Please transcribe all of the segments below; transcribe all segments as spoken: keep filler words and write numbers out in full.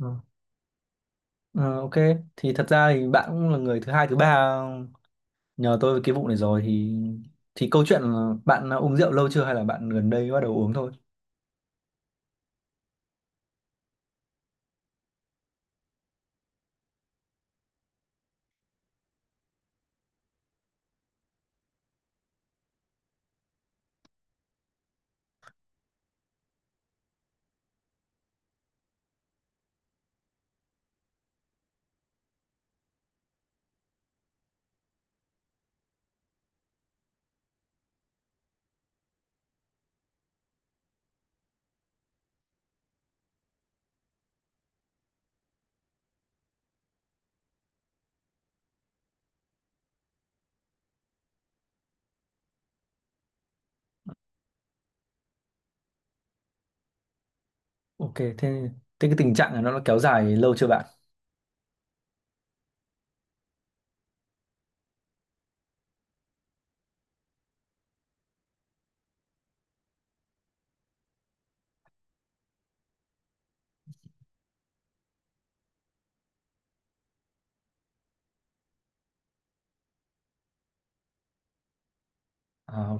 Ờ, ờ, ok thì thật ra thì bạn cũng là người thứ hai thứ ba nhờ tôi về cái vụ này rồi thì thì câu chuyện là bạn đã uống rượu lâu chưa hay là bạn gần đây bắt đầu uống thôi. Ok, thế thế cái tình trạng này nó đã kéo dài lâu chưa bạn? Ờ,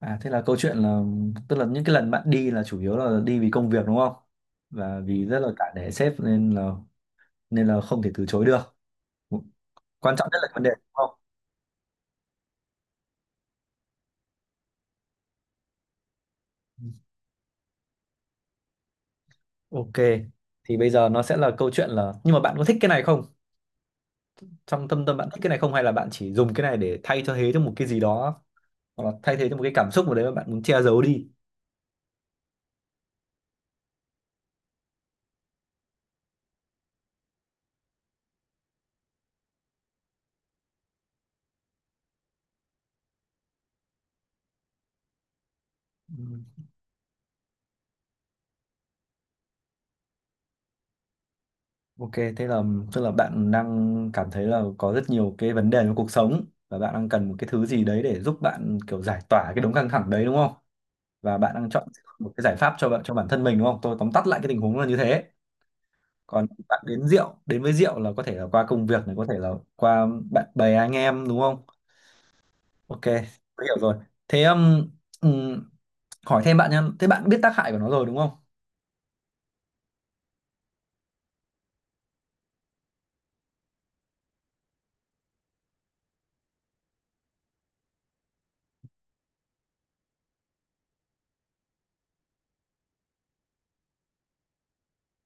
à thế là câu chuyện là, tức là những cái lần bạn đi là chủ yếu là đi vì công việc đúng không, và vì rất là cả nể sếp nên là nên là không thể từ chối được. Quan trọng nhất là vấn đề đúng không? Ok, thì bây giờ nó sẽ là câu chuyện là nhưng mà bạn có thích cái này không? Trong tâm tâm bạn thích cái này không, hay là bạn chỉ dùng cái này để thay cho thế cho một cái gì đó, hoặc là thay thế cho một cái cảm xúc mà đấy mà bạn muốn che giấu đi? Ừ, ok thế là, tức là bạn đang cảm thấy là có rất nhiều cái vấn đề trong cuộc sống và bạn đang cần một cái thứ gì đấy để giúp bạn kiểu giải tỏa cái đống căng thẳng đấy đúng không, và bạn đang chọn một cái giải pháp cho bạn cho bản thân mình đúng không? Tôi tóm tắt lại cái tình huống là như thế. Còn bạn đến rượu, đến với rượu là có thể là qua công việc này, có thể là qua bạn bè anh em đúng không? Ok, tôi hiểu rồi. Thế um, ừ, hỏi thêm bạn nhá, thế bạn biết tác hại của nó rồi đúng không?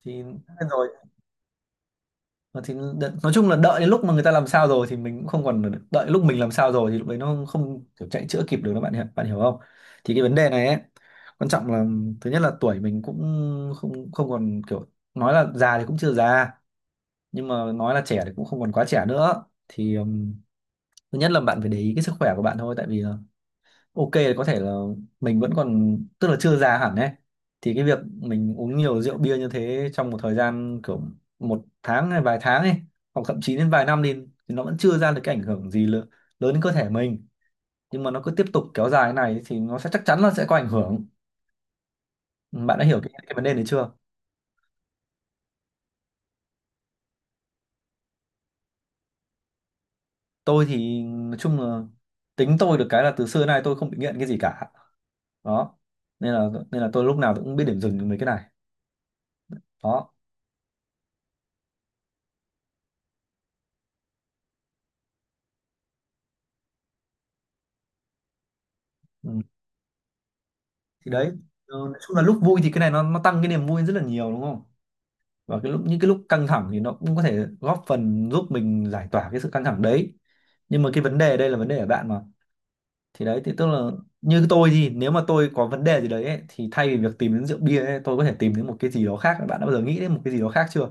Thì biết rồi, thì đ- nói chung là đợi đến lúc mà người ta làm sao rồi thì mình cũng không còn, đợi lúc mình làm sao rồi thì lúc đấy nó không không kiểu chạy chữa kịp được đó, bạn hiểu, bạn hiểu không? Thì cái vấn đề này ấy, quan trọng là thứ nhất là tuổi mình cũng không không còn kiểu, nói là già thì cũng chưa già nhưng mà nói là trẻ thì cũng không còn quá trẻ nữa, thì ừm, thứ nhất là bạn phải để ý cái sức khỏe của bạn thôi. Tại vì ok là có thể là mình vẫn còn, tức là chưa già hẳn ấy, thì cái việc mình uống nhiều rượu bia như thế trong một thời gian kiểu một tháng hay vài tháng ấy, hoặc thậm chí đến vài năm đi, thì nó vẫn chưa ra được cái ảnh hưởng gì lớn, lớn đến cơ thể mình, nhưng mà nó cứ tiếp tục kéo dài thế này thì nó sẽ, chắc chắn là sẽ có ảnh hưởng. Bạn đã hiểu cái, cái vấn đề này chưa? Tôi thì nói chung là, tính tôi được cái là từ xưa đến nay tôi không bị nghiện cái gì cả, đó, nên là nên là tôi lúc nào tôi cũng biết điểm dừng với cái này, đó. Thì đấy, ờ, nói chung là lúc vui thì cái này nó nó tăng cái niềm vui rất là nhiều đúng không, và cái lúc, những cái lúc căng thẳng thì nó cũng có thể góp phần giúp mình giải tỏa cái sự căng thẳng đấy, nhưng mà cái vấn đề ở đây là vấn đề ở bạn mà. Thì đấy thì tức là như tôi thì nếu mà tôi có vấn đề gì đấy ấy, thì thay vì việc tìm đến rượu bia ấy, tôi có thể tìm đến một cái gì đó khác. Bạn đã bao giờ nghĩ đến một cái gì đó khác chưa?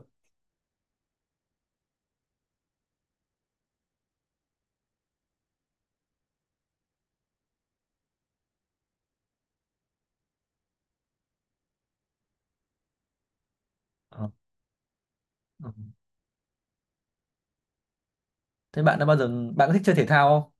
Ờ. Ừ. Thế bạn đã bao giờ, bạn có thích chơi thể thao không?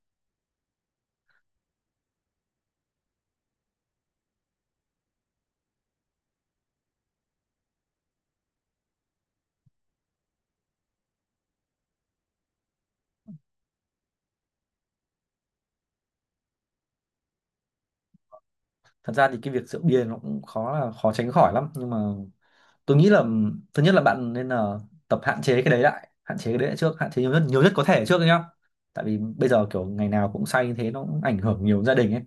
Thật ra thì cái việc rượu bia nó cũng khó, là khó tránh khỏi lắm, nhưng mà tôi nghĩ là thứ nhất là bạn nên là tập hạn chế cái đấy lại, hạn chế cái đấy lại trước, hạn chế nhiều nhất, nhiều nhất có thể trước đấy nhá. Tại vì bây giờ kiểu ngày nào cũng say như thế nó cũng ảnh hưởng nhiều đến gia đình ấy.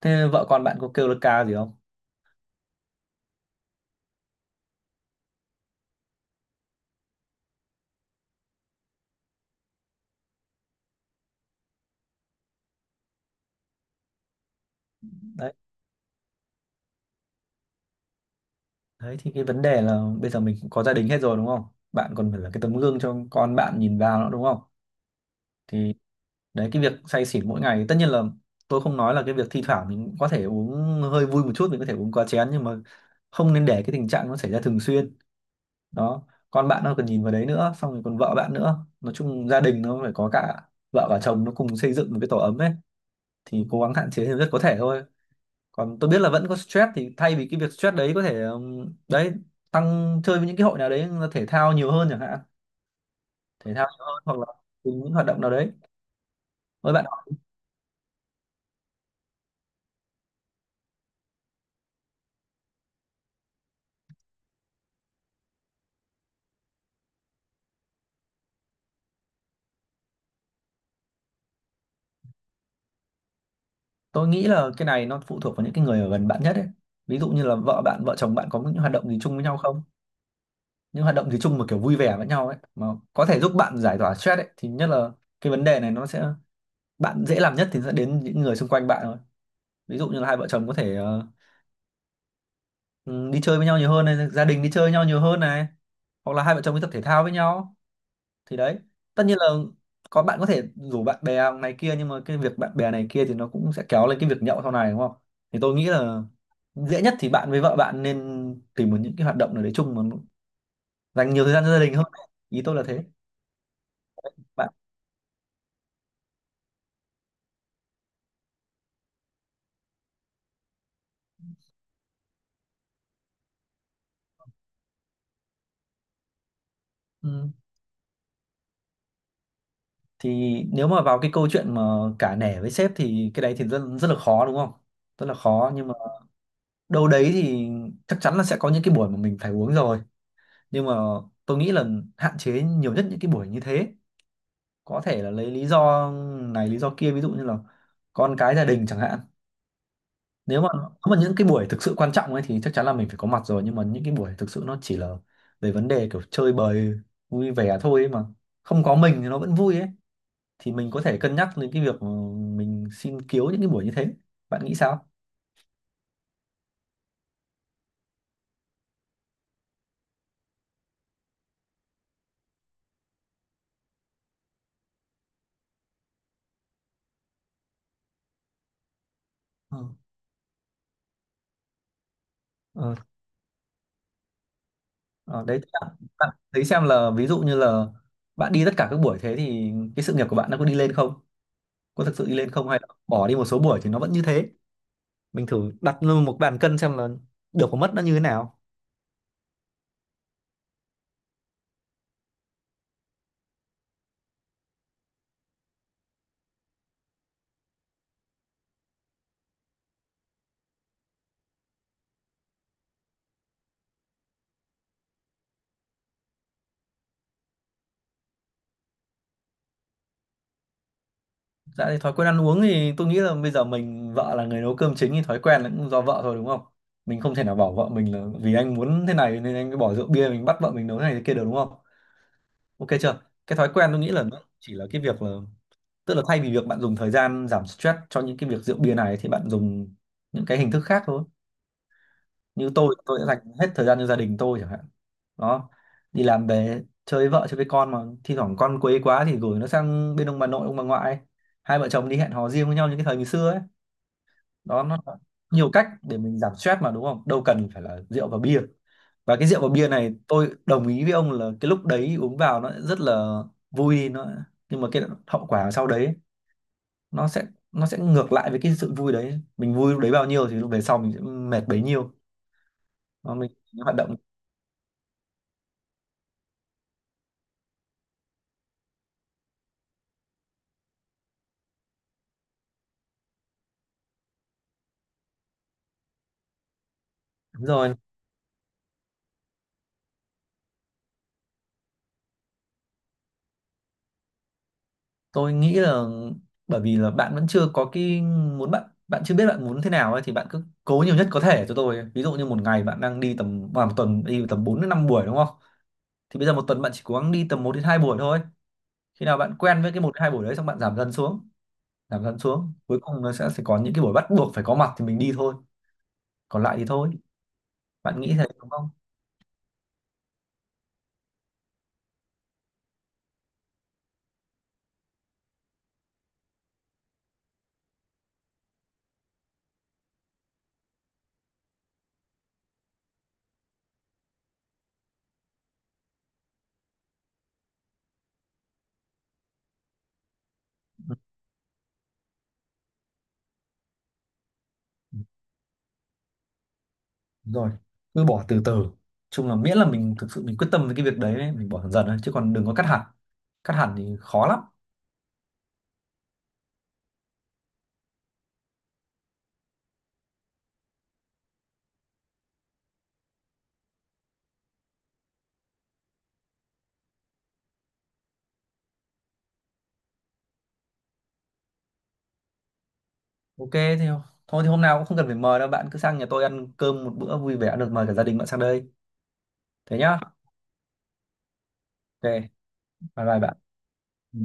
Thế vợ con bạn có kêu là ca gì không? Đấy, đấy thì cái vấn đề là bây giờ mình cũng có gia đình hết rồi đúng không? Bạn còn phải là cái tấm gương cho con bạn nhìn vào nữa đúng không? Thì đấy, cái việc say xỉn mỗi ngày tất nhiên là, tôi không nói là cái việc thi thoảng mình có thể uống hơi vui một chút, mình có thể uống quá chén, nhưng mà không nên để cái tình trạng nó xảy ra thường xuyên, đó. Con bạn nó cần nhìn vào đấy nữa, xong rồi còn vợ bạn nữa, nói chung gia đình nó phải có cả vợ và chồng, nó cùng xây dựng một cái tổ ấm ấy. Thì cố gắng hạn chế nhiều nhất có thể thôi. Còn tôi biết là vẫn có stress, thì thay vì cái việc stress đấy có thể ừm, đấy, tăng chơi với những cái hội nào đấy, thể thao nhiều hơn chẳng hạn, thể thao nhiều hơn, hoặc là cùng những hoạt động nào đấy với bạn. Tôi nghĩ là cái này nó phụ thuộc vào những cái người ở gần bạn nhất ấy. Ví dụ như là vợ bạn, vợ chồng bạn có những hoạt động gì chung với nhau không, những hoạt động gì chung mà kiểu vui vẻ với nhau ấy mà, có thể giúp bạn giải tỏa stress ấy, thì nhất là cái vấn đề này nó sẽ, bạn dễ làm nhất thì sẽ đến những người xung quanh bạn thôi. Ví dụ như là hai vợ chồng có thể ờ, ừ, đi chơi với nhau nhiều hơn này, gia đình đi chơi với nhau nhiều hơn này, hoặc là hai vợ chồng đi tập thể thao với nhau, thì đấy. Tất nhiên là có, bạn có thể rủ bạn bè này kia, nhưng mà cái việc bạn bè này kia thì nó cũng sẽ kéo lên cái việc nhậu sau này đúng không? Thì tôi nghĩ là dễ nhất thì bạn với vợ bạn nên tìm một những cái hoạt động nào đấy chung mà nó dành nhiều thời gian cho gia đình hơn ấy. Ý tôi là thế, bạn. Ừ. Thì nếu mà vào cái câu chuyện mà cả nể với sếp thì cái đấy thì rất rất là khó đúng không? Rất là khó, nhưng mà đâu đấy thì chắc chắn là sẽ có những cái buổi mà mình phải uống rồi, nhưng mà tôi nghĩ là hạn chế nhiều nhất những cái buổi như thế. Có thể là lấy lý do này lý do kia, ví dụ như là con cái gia đình chẳng hạn. Nếu mà, nếu mà những cái buổi thực sự quan trọng ấy thì chắc chắn là mình phải có mặt rồi, nhưng mà những cái buổi thực sự nó chỉ là về vấn đề kiểu chơi bời, vui vẻ thôi ấy mà, không có mình thì nó vẫn vui ấy, thì mình có thể cân nhắc đến cái việc ừ, mình xin kiếu những cái buổi như thế. Bạn nghĩ sao? Ừ. ờ, ờ, đấy bạn, bạn thấy xem là ví dụ như là bạn đi tất cả các buổi, thế thì cái sự nghiệp của bạn nó có đi lên không, có thực sự đi lên không, hay là bỏ đi một số buổi thì nó vẫn như thế? Mình thử đặt lên một bàn cân xem là được có mất nó như thế nào. Dạ, thì thói quen ăn uống thì tôi nghĩ là bây giờ mình, vợ là người nấu cơm chính thì thói quen là cũng do vợ thôi đúng không? Mình không thể nào bảo vợ mình là vì anh muốn thế này nên anh mới bỏ rượu bia, mình bắt vợ mình nấu thế này thế kia được đúng không? Ok chưa? Cái thói quen tôi nghĩ là nó chỉ là cái việc là, tức là thay vì việc bạn dùng thời gian giảm stress cho những cái việc rượu bia này thì bạn dùng những cái hình thức khác thôi. Như tôi tôi đã dành hết thời gian cho gia đình tôi chẳng hạn, đó. Đi làm về chơi với vợ chơi với con mà, thi thoảng con quấy quá thì gửi nó sang bên ông bà nội ông bà ngoại, hai vợ chồng đi hẹn hò riêng với nhau như cái thời ngày xưa ấy, đó, nó nhiều cách để mình giảm stress mà đúng không, đâu cần phải là rượu và bia. Và cái rượu và bia này tôi đồng ý với ông là cái lúc đấy uống vào nó rất là vui, nó, nhưng mà cái hậu quả sau đấy nó sẽ, nó sẽ ngược lại với cái sự vui đấy, mình vui lúc đấy bao nhiêu thì lúc về sau mình sẽ mệt bấy nhiêu. Nó mình hoạt động. Đúng rồi. Tôi nghĩ là bởi vì là bạn vẫn chưa có cái muốn, bạn, bạn chưa biết bạn muốn thế nào ấy, thì bạn cứ cố nhiều nhất có thể cho tôi. Ví dụ như một ngày bạn đang đi tầm à, một tuần đi tầm bốn đến năm buổi đúng không? Thì bây giờ một tuần bạn chỉ cố gắng đi tầm một đến hai buổi thôi. Khi nào bạn quen với cái một đến hai buổi đấy xong bạn giảm dần xuống, giảm dẫn xuống, cuối cùng nó sẽ, sẽ có những cái buổi bắt buộc phải có mặt thì mình đi thôi, còn lại thì thôi. Bạn nghĩ thế đúng không? Ừ. Ừ, đúng rồi, cứ bỏ từ từ, chung là miễn là mình thực sự mình quyết tâm với cái việc đấy ấy, mình bỏ dần dần thôi, chứ còn đừng có cắt hẳn, cắt hẳn thì khó lắm. Ok, thì thôi thì hôm nào cũng không cần phải mời đâu, bạn cứ sang nhà tôi ăn cơm một bữa vui vẻ được, mời cả gia đình bạn sang đây. Thế nhá. Ok, bye bye bạn. Ừ.